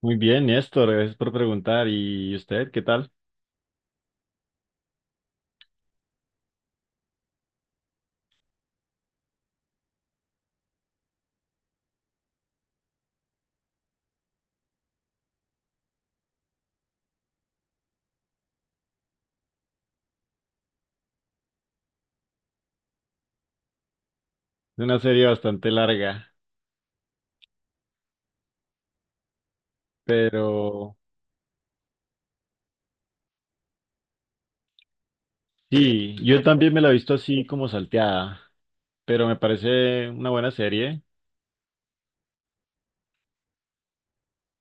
Muy bien, Néstor, gracias por preguntar. ¿Y usted qué tal? Es una serie bastante larga, pero sí, yo también me la he visto así como salteada, pero me parece una buena serie.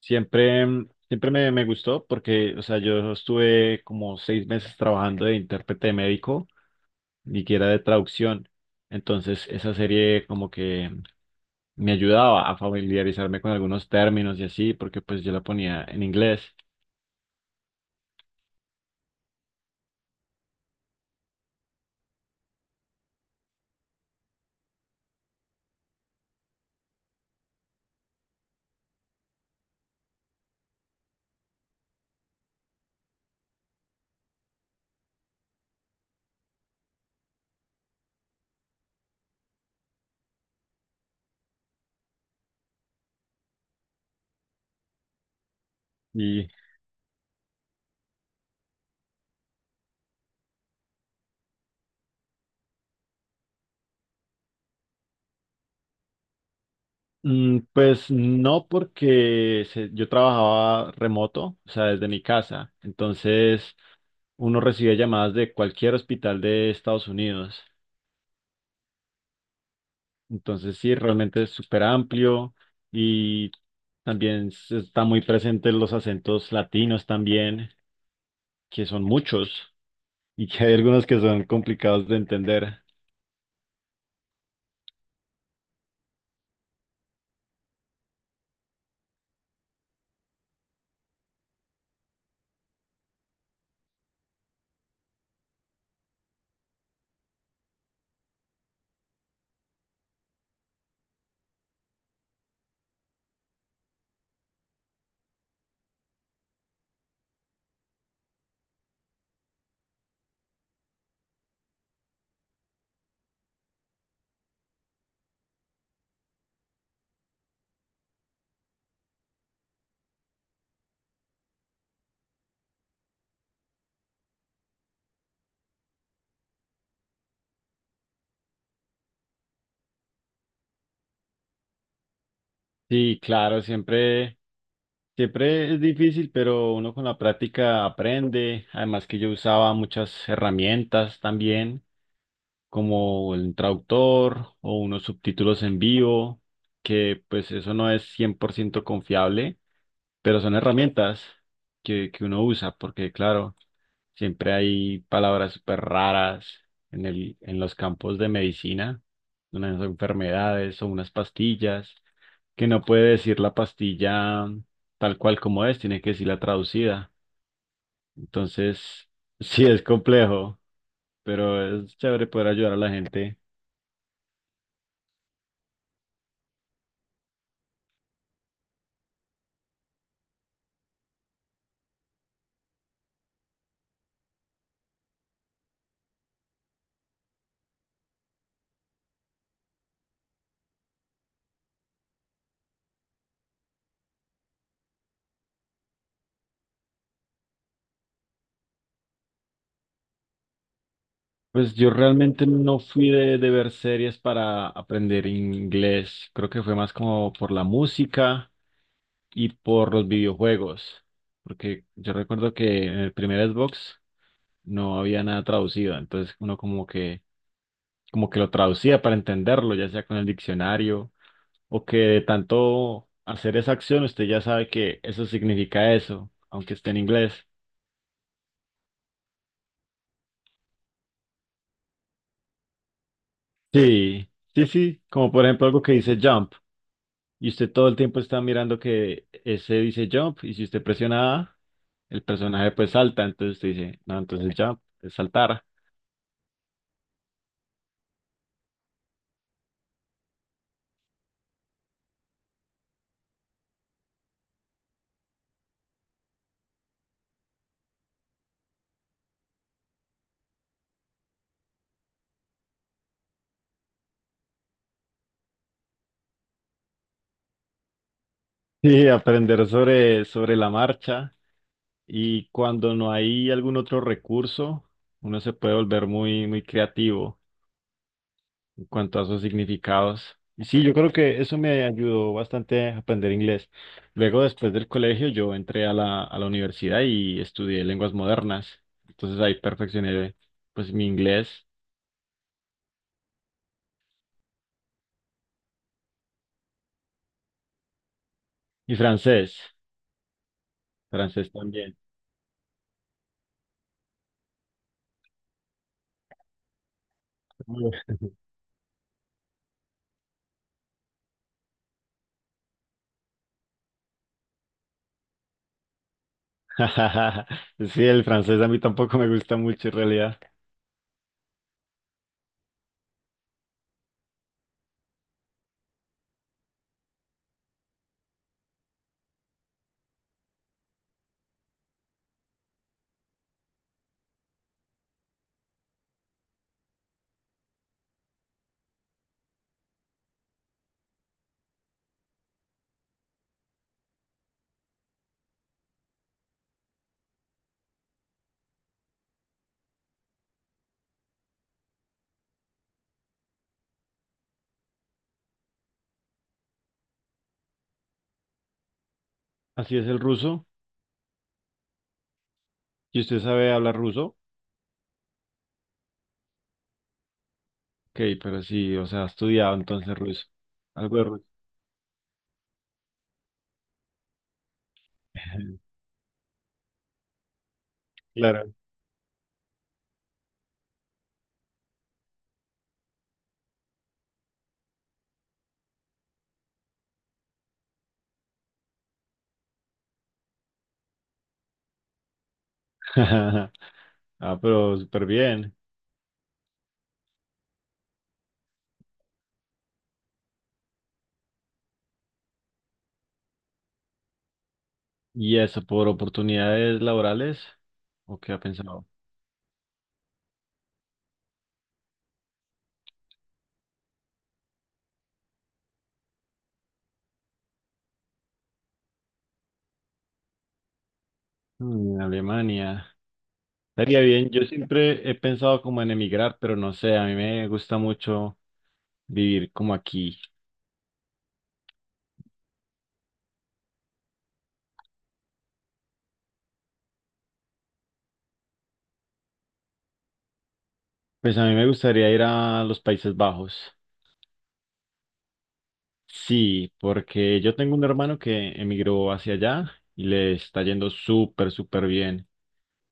Siempre, me gustó porque, o sea, yo estuve como 6 meses trabajando de intérprete médico, ni que era de traducción. Entonces, esa serie como que me ayudaba a familiarizarme con algunos términos y así, porque pues yo la ponía en inglés. Y pues no, porque yo trabajaba remoto, o sea, desde mi casa. Entonces, uno recibe llamadas de cualquier hospital de Estados Unidos. Entonces, sí, realmente es súper amplio y también están muy presentes los acentos latinos también, que son muchos y que hay algunos que son complicados de entender. Sí, claro, siempre. Siempre es difícil, pero uno con la práctica aprende. Además que yo usaba muchas herramientas también, como el traductor o unos subtítulos en vivo, que pues eso no es 100% confiable, pero son herramientas que uno usa, porque claro, siempre hay palabras súper raras en en los campos de medicina, unas enfermedades o unas pastillas que no puede decir la pastilla tal cual como es, tiene que decirla traducida. Entonces, sí es complejo, pero es chévere poder ayudar a la gente. Pues yo realmente no fui de ver series para aprender inglés. Creo que fue más como por la música y por los videojuegos. Porque yo recuerdo que en el primer Xbox no había nada traducido. Entonces uno como que lo traducía para entenderlo, ya sea con el diccionario o que de tanto hacer esa acción usted ya sabe que eso significa eso, aunque esté en inglés. Sí, sí, sí, como por ejemplo algo que dice jump y usted todo el tiempo está mirando que ese dice jump y si usted presiona A, el personaje pues salta, entonces usted dice, no, entonces jump es saltar. Sí, aprender sobre la marcha y cuando no hay algún otro recurso, uno se puede volver muy, muy creativo. Cuanto a sus significados. Y sí, yo creo que eso me ayudó bastante a aprender inglés. Luego, después del colegio, yo entré a a la universidad y estudié lenguas modernas. Entonces ahí perfeccioné pues mi inglés y francés. Francés también. Uy. Sí, el francés a mí tampoco me gusta mucho en realidad. Así es el ruso. ¿Y usted sabe hablar ruso? Ok, pero sí, o sea, ha estudiado entonces ruso. Algo de ruso. Claro. Ah, pero súper bien. ¿Y eso por oportunidades laborales? ¿O qué ha pensado? En Alemania. Estaría bien. Yo siempre he pensado como en emigrar, pero no sé, a mí me gusta mucho vivir como aquí. Pues a mí me gustaría ir a los Países Bajos. Sí, porque yo tengo un hermano que emigró hacia allá y le está yendo súper, súper bien,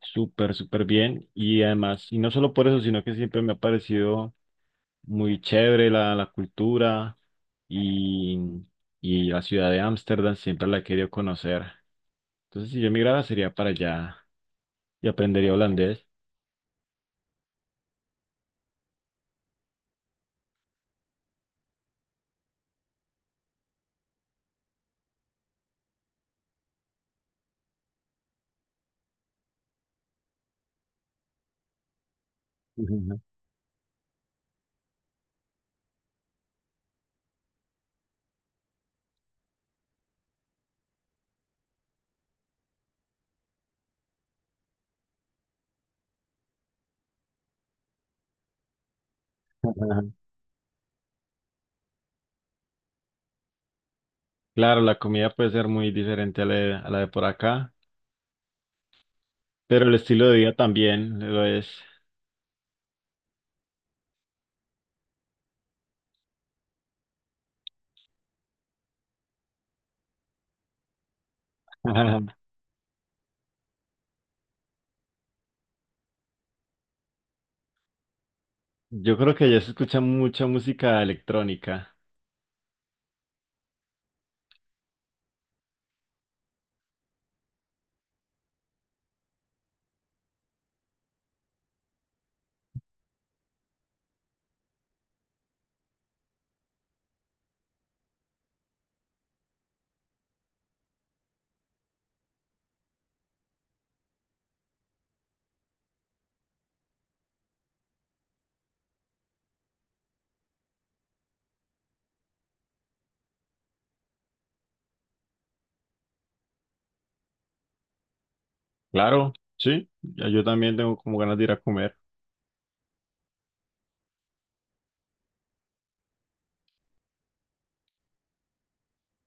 súper, súper bien. Y además, y no solo por eso, sino que siempre me ha parecido muy chévere la cultura y, y la ciudad de Ámsterdam, siempre la he querido conocer. Entonces, si yo emigrara, sería para allá y aprendería holandés. Ujú. Claro, la comida puede ser muy diferente a a la de por acá, pero el estilo de vida también lo es. Ajá. Yo creo que ya se escucha mucha música electrónica. Claro, sí, ya. Yo también tengo como ganas de ir a comer.